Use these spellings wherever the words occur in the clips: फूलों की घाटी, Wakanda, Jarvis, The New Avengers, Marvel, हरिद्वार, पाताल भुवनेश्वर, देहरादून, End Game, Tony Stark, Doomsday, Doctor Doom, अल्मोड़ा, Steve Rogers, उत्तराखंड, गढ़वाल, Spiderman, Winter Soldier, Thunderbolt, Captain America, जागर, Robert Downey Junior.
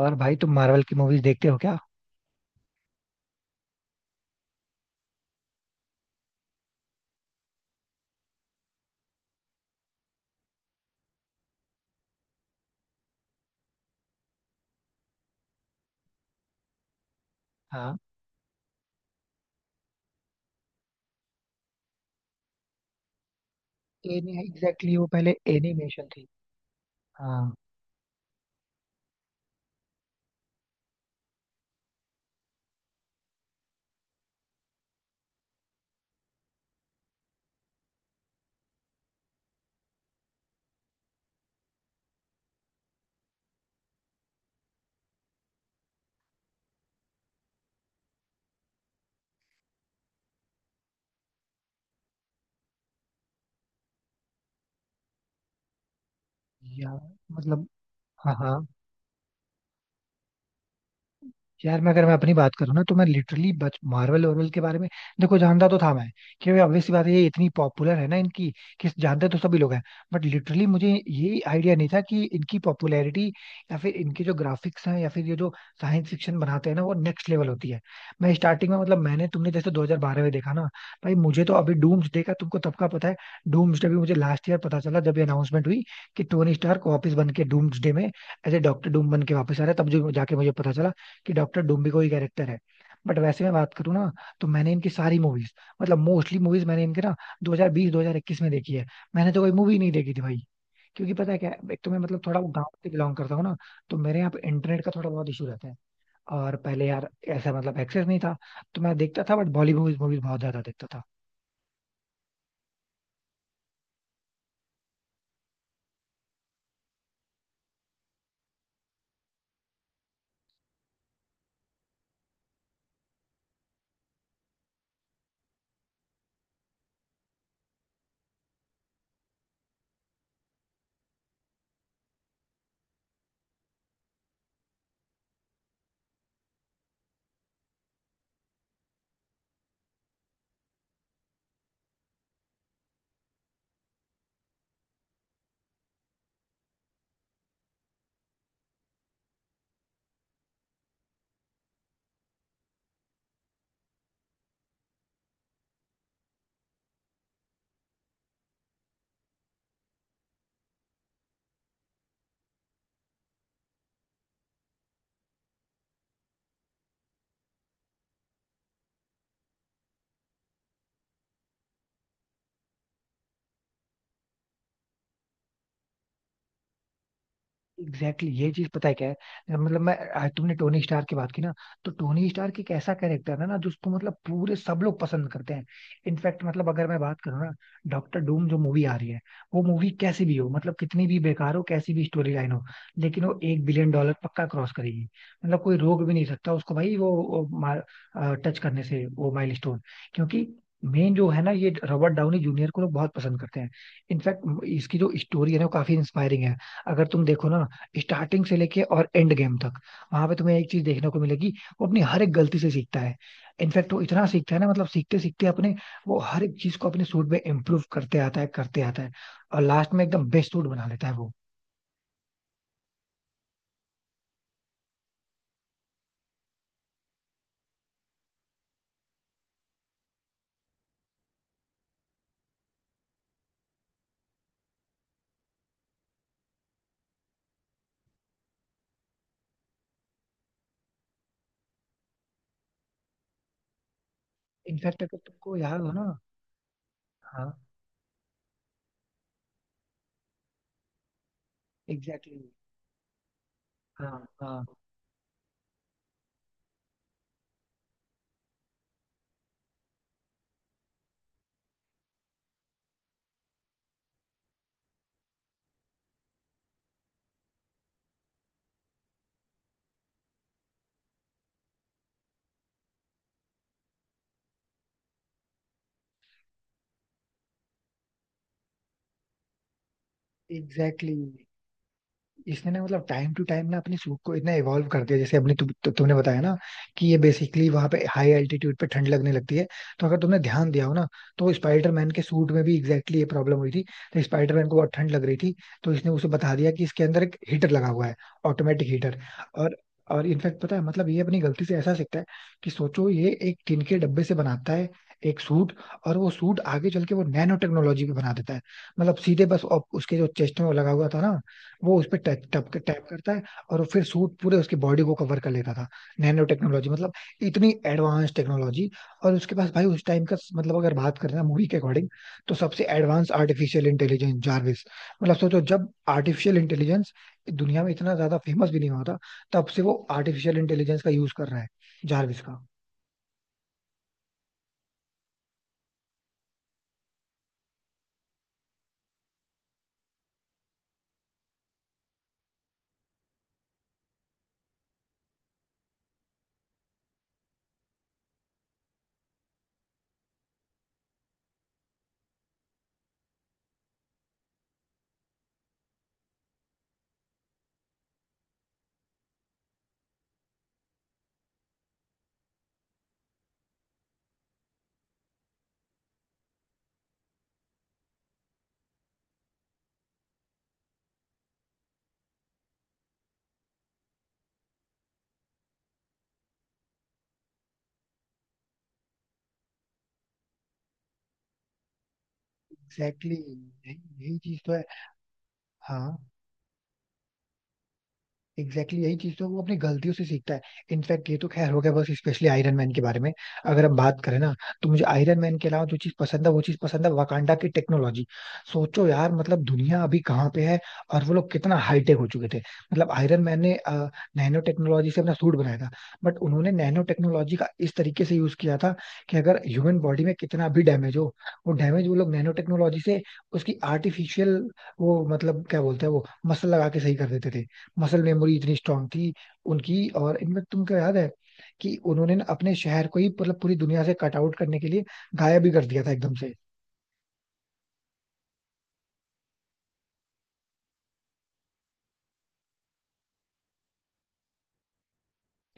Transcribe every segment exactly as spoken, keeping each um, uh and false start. और भाई तुम मार्वल की मूवीज देखते हो क्या? हाँ। एनी एग्जैक्टली वो पहले एनिमेशन थी। हाँ। या मतलब हाँ हाँ। यार मैं अगर मैं अपनी बात करूँ ना तो मैं लिटरली बच मार्वल वार्वल के बारे में देखो जानता तो था मैं। क्योंकि Obvious सी बात है ये इतनी पॉपुलर है ना इनकी कि जानते तो सभी लोग हैं। बट लिटरली मुझे ये आइडिया नहीं था कि इनकी पॉपुलैरिटी या फिर इनके जो ग्राफिक्स हैं या फिर ये जो साइंस फिक्शन बनाते हैं ना वो नेक्स्ट लेवल होती है। मैं स्टार्टिंग में मतलब मैंने तुमने जैसे दो हज़ार बारह में देखा ना। भाई मुझे तो अभी डूम्सडे का तुमको तब का पता है। डूम्सडे भी मुझे लास्ट ईयर पता चला जब ये अनाउंसमेंट हुई कि टोनी स्टार्क वापस बन के डूम्सडे में एज ए डॉक्टर डूम बन के वापस आ रहा है। तब जो जाके मुझे पता चला कि डॉक्टर डूम्बी को ही कैरेक्टर है। बट वैसे मैं बात करूँ ना तो मैंने इनकी सारी मूवीज मतलब मोस्टली मूवीज मैंने इनके ना दो हज़ार बीस दो हज़ार इक्कीस में देखी है। मैंने तो कोई मूवी नहीं देखी थी भाई। क्योंकि पता है क्या है, एक तो मैं मतलब थोड़ा गांव से बिलोंग करता हूँ ना। तो मेरे यहाँ पे इंटरनेट का थोड़ा बहुत इशू रहता है। और पहले यार ऐसा मतलब एक्सेस नहीं था। तो मैं देखता था बट बॉलीवुड मूवीज बहुत ज्यादा देखता था। एग्जैक्टली exactly, ये चीज पता है क्या है? मतलब मैं आज तुमने टोनी स्टार की बात की ना। तो टोनी स्टार एक ऐसा कैरेक्टर है ना जिसको मतलब पूरे सब लोग पसंद करते हैं। इनफैक्ट मतलब अगर मैं बात करूँ ना, डॉक्टर डूम जो मूवी आ रही है वो मूवी कैसी भी हो मतलब कितनी भी बेकार हो कैसी भी स्टोरी लाइन हो लेकिन वो एक बिलियन डॉलर पक्का क्रॉस करेगी। मतलब कोई रोक भी नहीं सकता उसको भाई, वो, वो टच करने से वो माइलस्टोन। क्योंकि मेन जो है ना ये रॉबर्ट डाउनी जूनियर को लोग बहुत पसंद करते हैं। इनफैक्ट इसकी जो स्टोरी है ना वो काफी इंस्पायरिंग है। अगर तुम देखो ना स्टार्टिंग से लेके और एंड गेम तक वहां पे तुम्हें एक चीज देखने को मिलेगी। वो अपनी हर एक गलती से सीखता है। इनफैक्ट वो इतना सीखता है ना मतलब सीखते सीखते अपने वो हर एक चीज को अपने सूट में इम्प्रूव करते आता है करते आता है और लास्ट में एकदम बेस्ट सूट बना लेता है वो। इनफैक्ट अगर तुमको याद हो ना। हाँ। एग्जैक्टली exactly, हाँ हाँ। एग्जैक्टली exactly, इसने ना मतलब टाइम टू टाइम ना अपने सूट को इतना इवॉल्व कर दिया जैसे अपने तु, तु, तुमने बताया ना कि ये बेसिकली वहां पे हाई एल्टीट्यूड पे ठंड लगने लगती है। तो अगर तुमने ध्यान दिया हो ना तो स्पाइडरमैन के सूट में भी एग्जैक्टली ये प्रॉब्लम हुई थी। तो स्पाइडरमैन को बहुत ठंड लग रही थी। तो इसने उसे बता दिया कि इसके अंदर एक हीटर लगा हुआ है, ऑटोमेटिक हीटर। और और इनफैक्ट पता है मतलब ये अपनी गलती से ऐसा सीखता है कि सोचो ये एक टिन के डब्बे से बनाता है एक सूट। और वो सूट आगे चल के वो नैनो टेक्नोलॉजी पे बना देता है। मतलब सीधे बस उप- उसके जो चेस्ट में वो लगा हुआ था ना वो उस पर टैप टैप टैप करता है और फिर सूट पूरे उसकी बॉडी को कवर कर लेता था। नैनो टेक्नोलॉजी मतलब इतनी एडवांस टेक्नोलॉजी। और उसके पास भाई उस टाइम का मतलब अगर बात करें ना मूवी के अकॉर्डिंग तो सबसे एडवांस आर्टिफिशियल इंटेलिजेंस जार्विस। मतलब सोचो जब आर्टिफिशियल इंटेलिजेंस दुनिया में इतना ज्यादा फेमस भी नहीं हुआ था तब से वो आर्टिफिशियल इंटेलिजेंस का यूज कर रहा है, जार्विस का। एग्जैक्टली exactly, यही यही चीज तो है। हाँ। एग्जैक्टली exactly यही चीज तो वो अपनी गलतियों से सीखता है। इनफैक्ट ये तो खैर हो गया बस स्पेशली आयरन मैन के बारे में। अगर हम बात करें ना तो मुझे आयरन मैन के अलावा जो चीज पसंद है वो चीज पसंद है वाकांडा की टेक्नोलॉजी। सोचो यार मतलब दुनिया अभी कहाँ पे है और वो लोग कितना हाईटेक हो चुके थे। मतलब आयरन मैन ने नैनो टेक्नोलॉजी से अपना सूट बनाया था। बट उन्होंने नैनो टेक्नोलॉजी का इस तरीके से यूज किया था कि अगर ह्यूमन बॉडी में कितना भी डैमेज हो वो डैमेज वो लोग नैनो टेक्नोलॉजी से उसकी आर्टिफिशियल वो मतलब क्या बोलते हैं वो मसल लगा के सही कर देते थे। मसल मेमोरी इतनी स्ट्रांग थी उनकी। और इनमें तुमको याद है कि उन्होंने ना अपने शहर को ही मतलब पूरी दुनिया से कट आउट करने के लिए गायब भी कर दिया था एकदम से।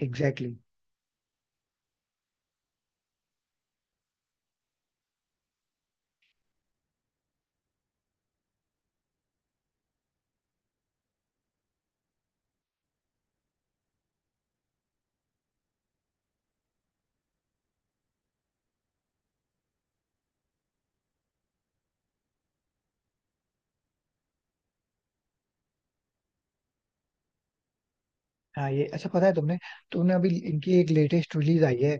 Exactly exactly। हाँ ये अच्छा पता है तुमने, तुमने अभी इनकी एक लेटेस्ट रिलीज आई है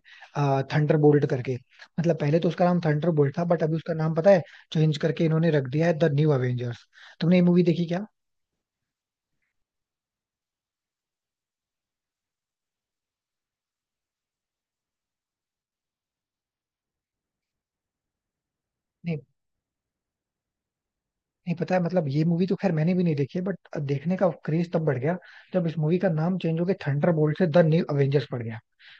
थंडर बोल्ट करके। मतलब पहले तो उसका नाम थंडर बोल्ट था बट अभी उसका नाम पता है चेंज करके इन्होंने रख दिया है द न्यू अवेंजर्स। तुमने ये मूवी देखी? क्या? नहीं, पता है मतलब ये मूवी तो खैर मैंने भी नहीं देखी है बट देखने का क्रेज तब बढ़ गया जब इस मूवी का नाम चेंज हो गया थंडरबोल्ट से द न्यू अवेंजर्स पड़ गया।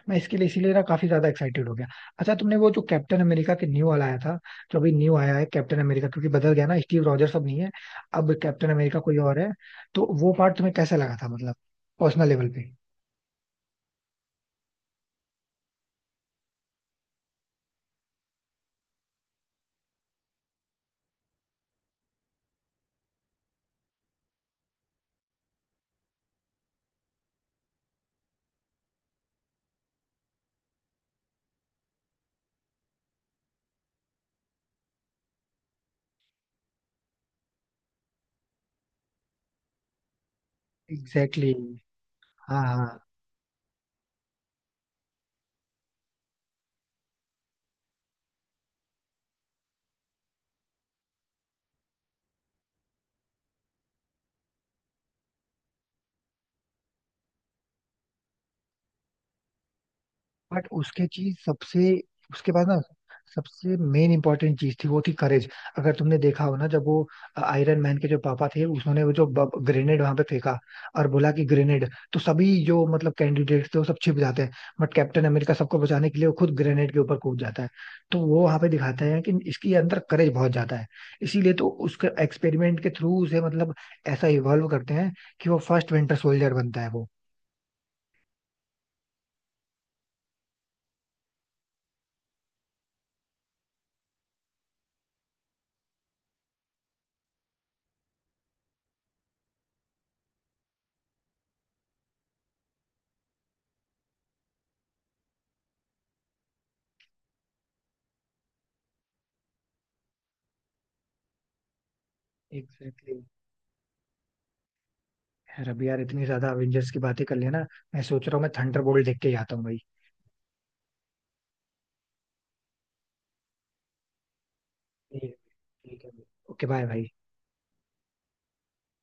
मैं इसके लिए इसीलिए ना काफी ज्यादा एक्साइटेड हो गया। अच्छा तुमने वो जो कैप्टन अमेरिका के न्यू वाला आया था जो अभी न्यू आया है कैप्टन अमेरिका क्योंकि बदल गया ना स्टीव रॉजर्स अब नहीं है। अब कैप्टन अमेरिका कोई और है। तो वो पार्ट तुम्हें कैसा लगा था मतलब पर्सनल लेवल पे? Exactly exactly। हाँ हाँ। बट उसके चीज सबसे उसके बाद ना सबसे मेन इंपॉर्टेंट चीज थी वो थी करेज। अगर तुमने देखा हो ना जब वो आयरन मैन के जो पापा थे उन्होंने वो जो ग्रेनेड वहां पे फेंका और बोला कि ग्रेनेड तो सभी जो मतलब कैंडिडेट्स थे वो सब छिप जाते हैं बट कैप्टन अमेरिका सबको बचाने के लिए वो खुद ग्रेनेड के ऊपर कूद जाता है। तो वो वहां पे दिखाते हैं कि इसके अंदर करेज बहुत ज्यादा है। इसीलिए तो उसके एक्सपेरिमेंट के थ्रू उसे मतलब ऐसा इवॉल्व करते हैं कि वो फर्स्ट विंटर सोल्जर बनता है वो। एग्जैक्टली। यार अभी यार इतनी ज्यादा अवेंजर्स की बातें कर लेना मैं सोच रहा हूँ मैं थंडरबोल्ट देख के ही आता हूँ भाई। ठीक है। ठीक है भाई, ओके बाय भाई।